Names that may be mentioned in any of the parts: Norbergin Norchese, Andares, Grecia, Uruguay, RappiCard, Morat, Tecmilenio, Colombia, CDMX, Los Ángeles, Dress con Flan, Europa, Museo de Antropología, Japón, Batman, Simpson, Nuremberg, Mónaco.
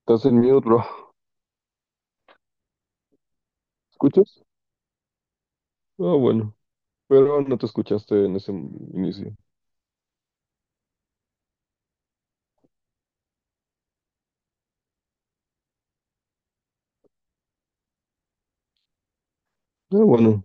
Estás en mute, bro. ¿Escuchas? Ah, bueno. Pero no te escuchaste en ese inicio. Ah, bueno.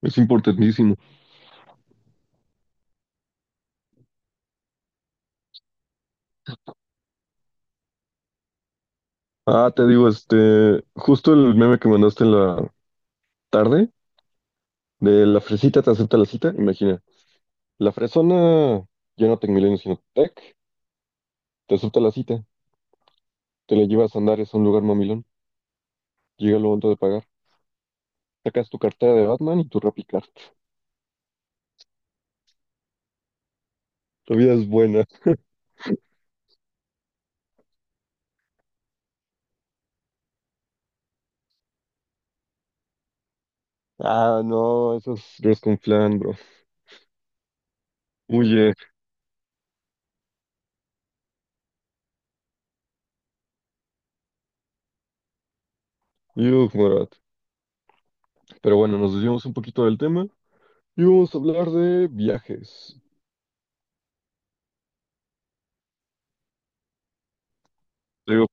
Es importantísimo. Ah, te digo, justo el meme que mandaste en la tarde, de la fresita te acepta la cita, imagina. La fresona, ya no Tecmilenio, sino Tec, te acepta la cita, te la llevas a Andares a un lugar mamilón, llega lo momento de pagar, sacas tu cartera de Batman y tu RappiCard. La vida es buena. Ah, no, eso es Dress con Flan, bro. Huye. Yuh, Morat. Pero bueno, nos desviamos un poquito del tema. Y vamos a hablar de viajes. Te digo,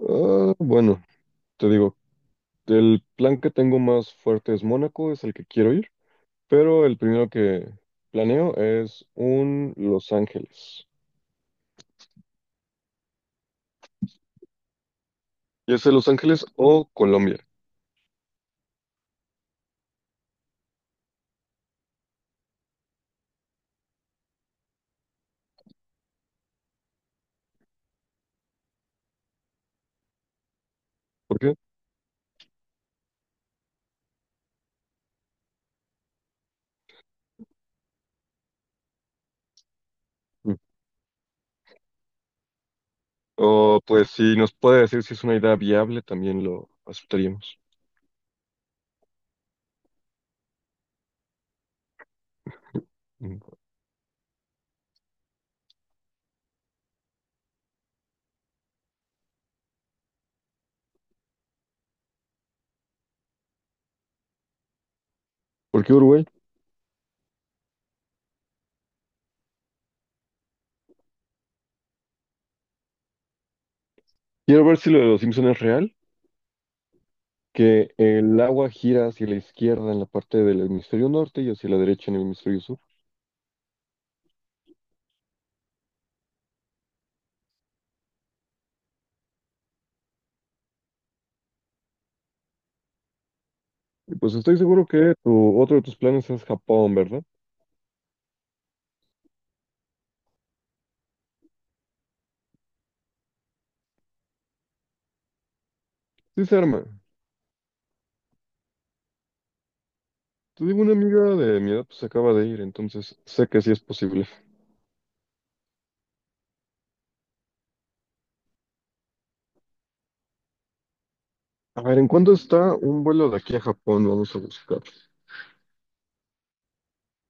ah, bueno, te digo, el plan que tengo más fuerte es Mónaco, es el que quiero ir, pero el primero que planeo es un Los Ángeles. Ya sea Los Ángeles o Colombia. ¿Por qué? Mm. O pues si nos puede decir si es una idea viable, también lo aceptaríamos. Mm. ¿Por qué Uruguay? Quiero ver si lo de los Simpson es real, que el agua gira hacia la izquierda en la parte del hemisferio norte y hacia la derecha en el hemisferio sur. Y pues estoy seguro que tu, otro de tus planes es Japón, ¿verdad? Sí se arma. Te digo, una amiga de mi edad pues acaba de ir, entonces sé que sí es posible. A ver, ¿en cuánto está un vuelo de aquí a Japón? Vamos a buscar.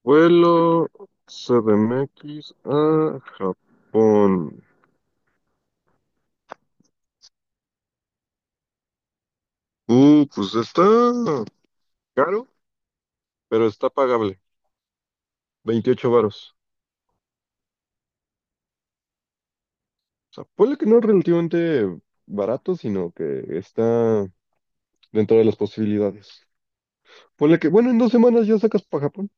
Vuelo CDMX a Japón. Pues está caro, pero está pagable. 28 varos. O sea, puede que no es relativamente barato, sino que está dentro de las posibilidades. Ponle que, bueno, en dos semanas ya sacas para Japón.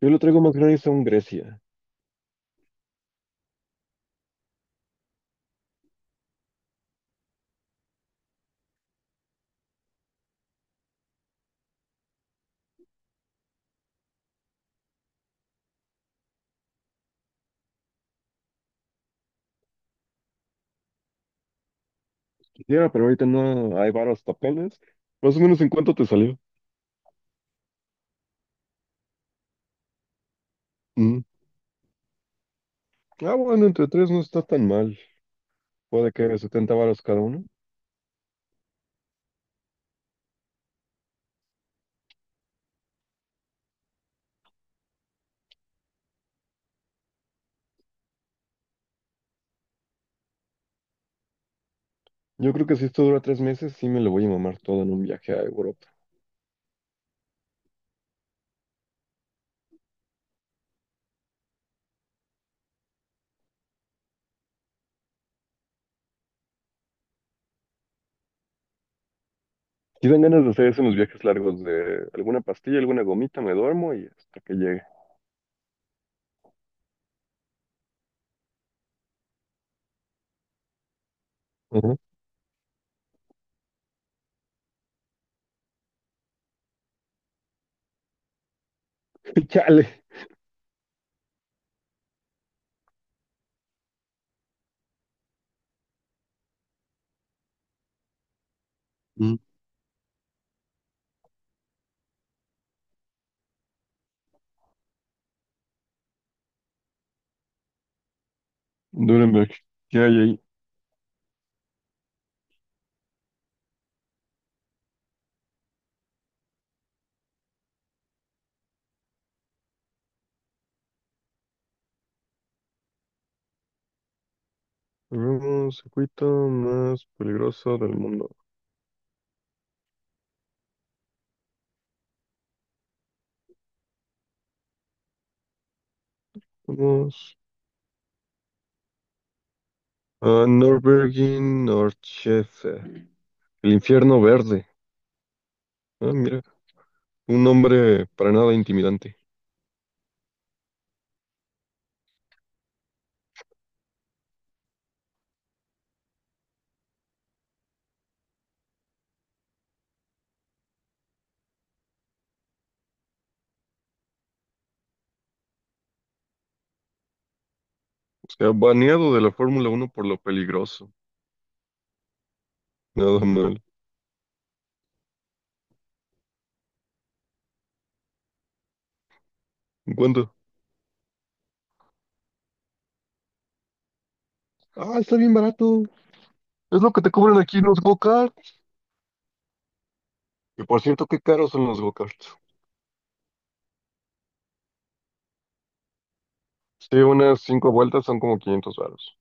Yo lo traigo más gratis a un Grecia. Quisiera, pero ahorita no hay varios papeles. Más o menos, ¿en cuánto te salió? Mm. Ah, bueno, entre tres no está tan mal. Puede que 70 varos cada uno. Yo creo que si esto dura tres meses, sí me lo voy a mamar todo en un viaje a Europa. Sí dan ganas de hacer eso en los viajes largos de alguna pastilla, alguna gomita, me duermo y hasta que llegue. Ajá. Chale. Mm. Nuremberg, ¿qué hay ahí? Un circuito más peligroso del mundo. Vamos a Norbergin Norchese, el infierno verde. Ah, mira, un nombre para nada intimidante. O sea, baneado de la Fórmula Uno por lo peligroso. Nada mal. ¿En cuánto? Ah, está bien barato. Es lo que te cobran aquí en los go-kart. Que por cierto, qué caros son los go-karts. Sí, unas cinco vueltas son como 500 varos.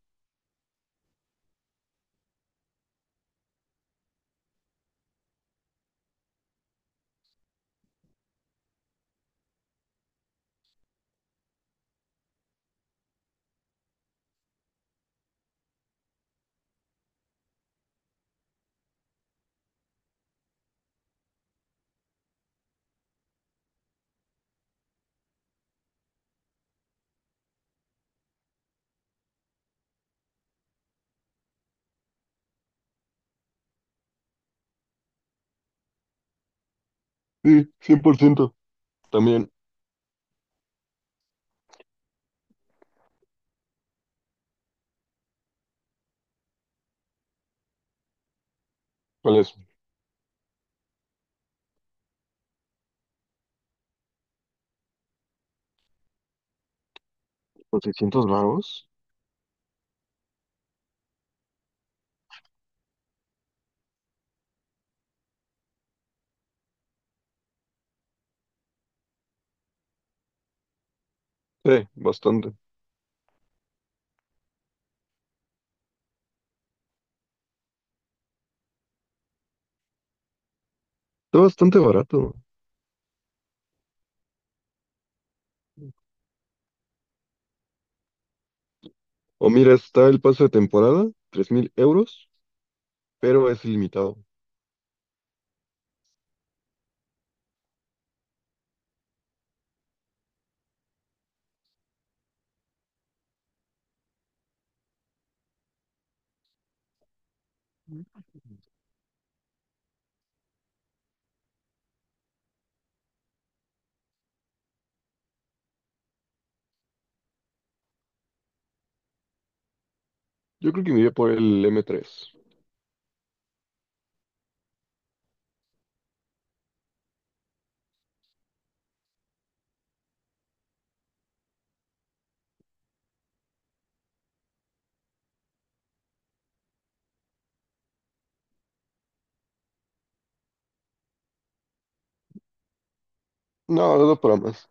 Sí, 100%. También, ¿cuál es? ¿Por 600 varos? Sí, bastante. Está bastante barato. O mira, está el paso de temporada, 3000 euros, pero es ilimitado. Yo creo que me iría por el M3. No, no, no para más.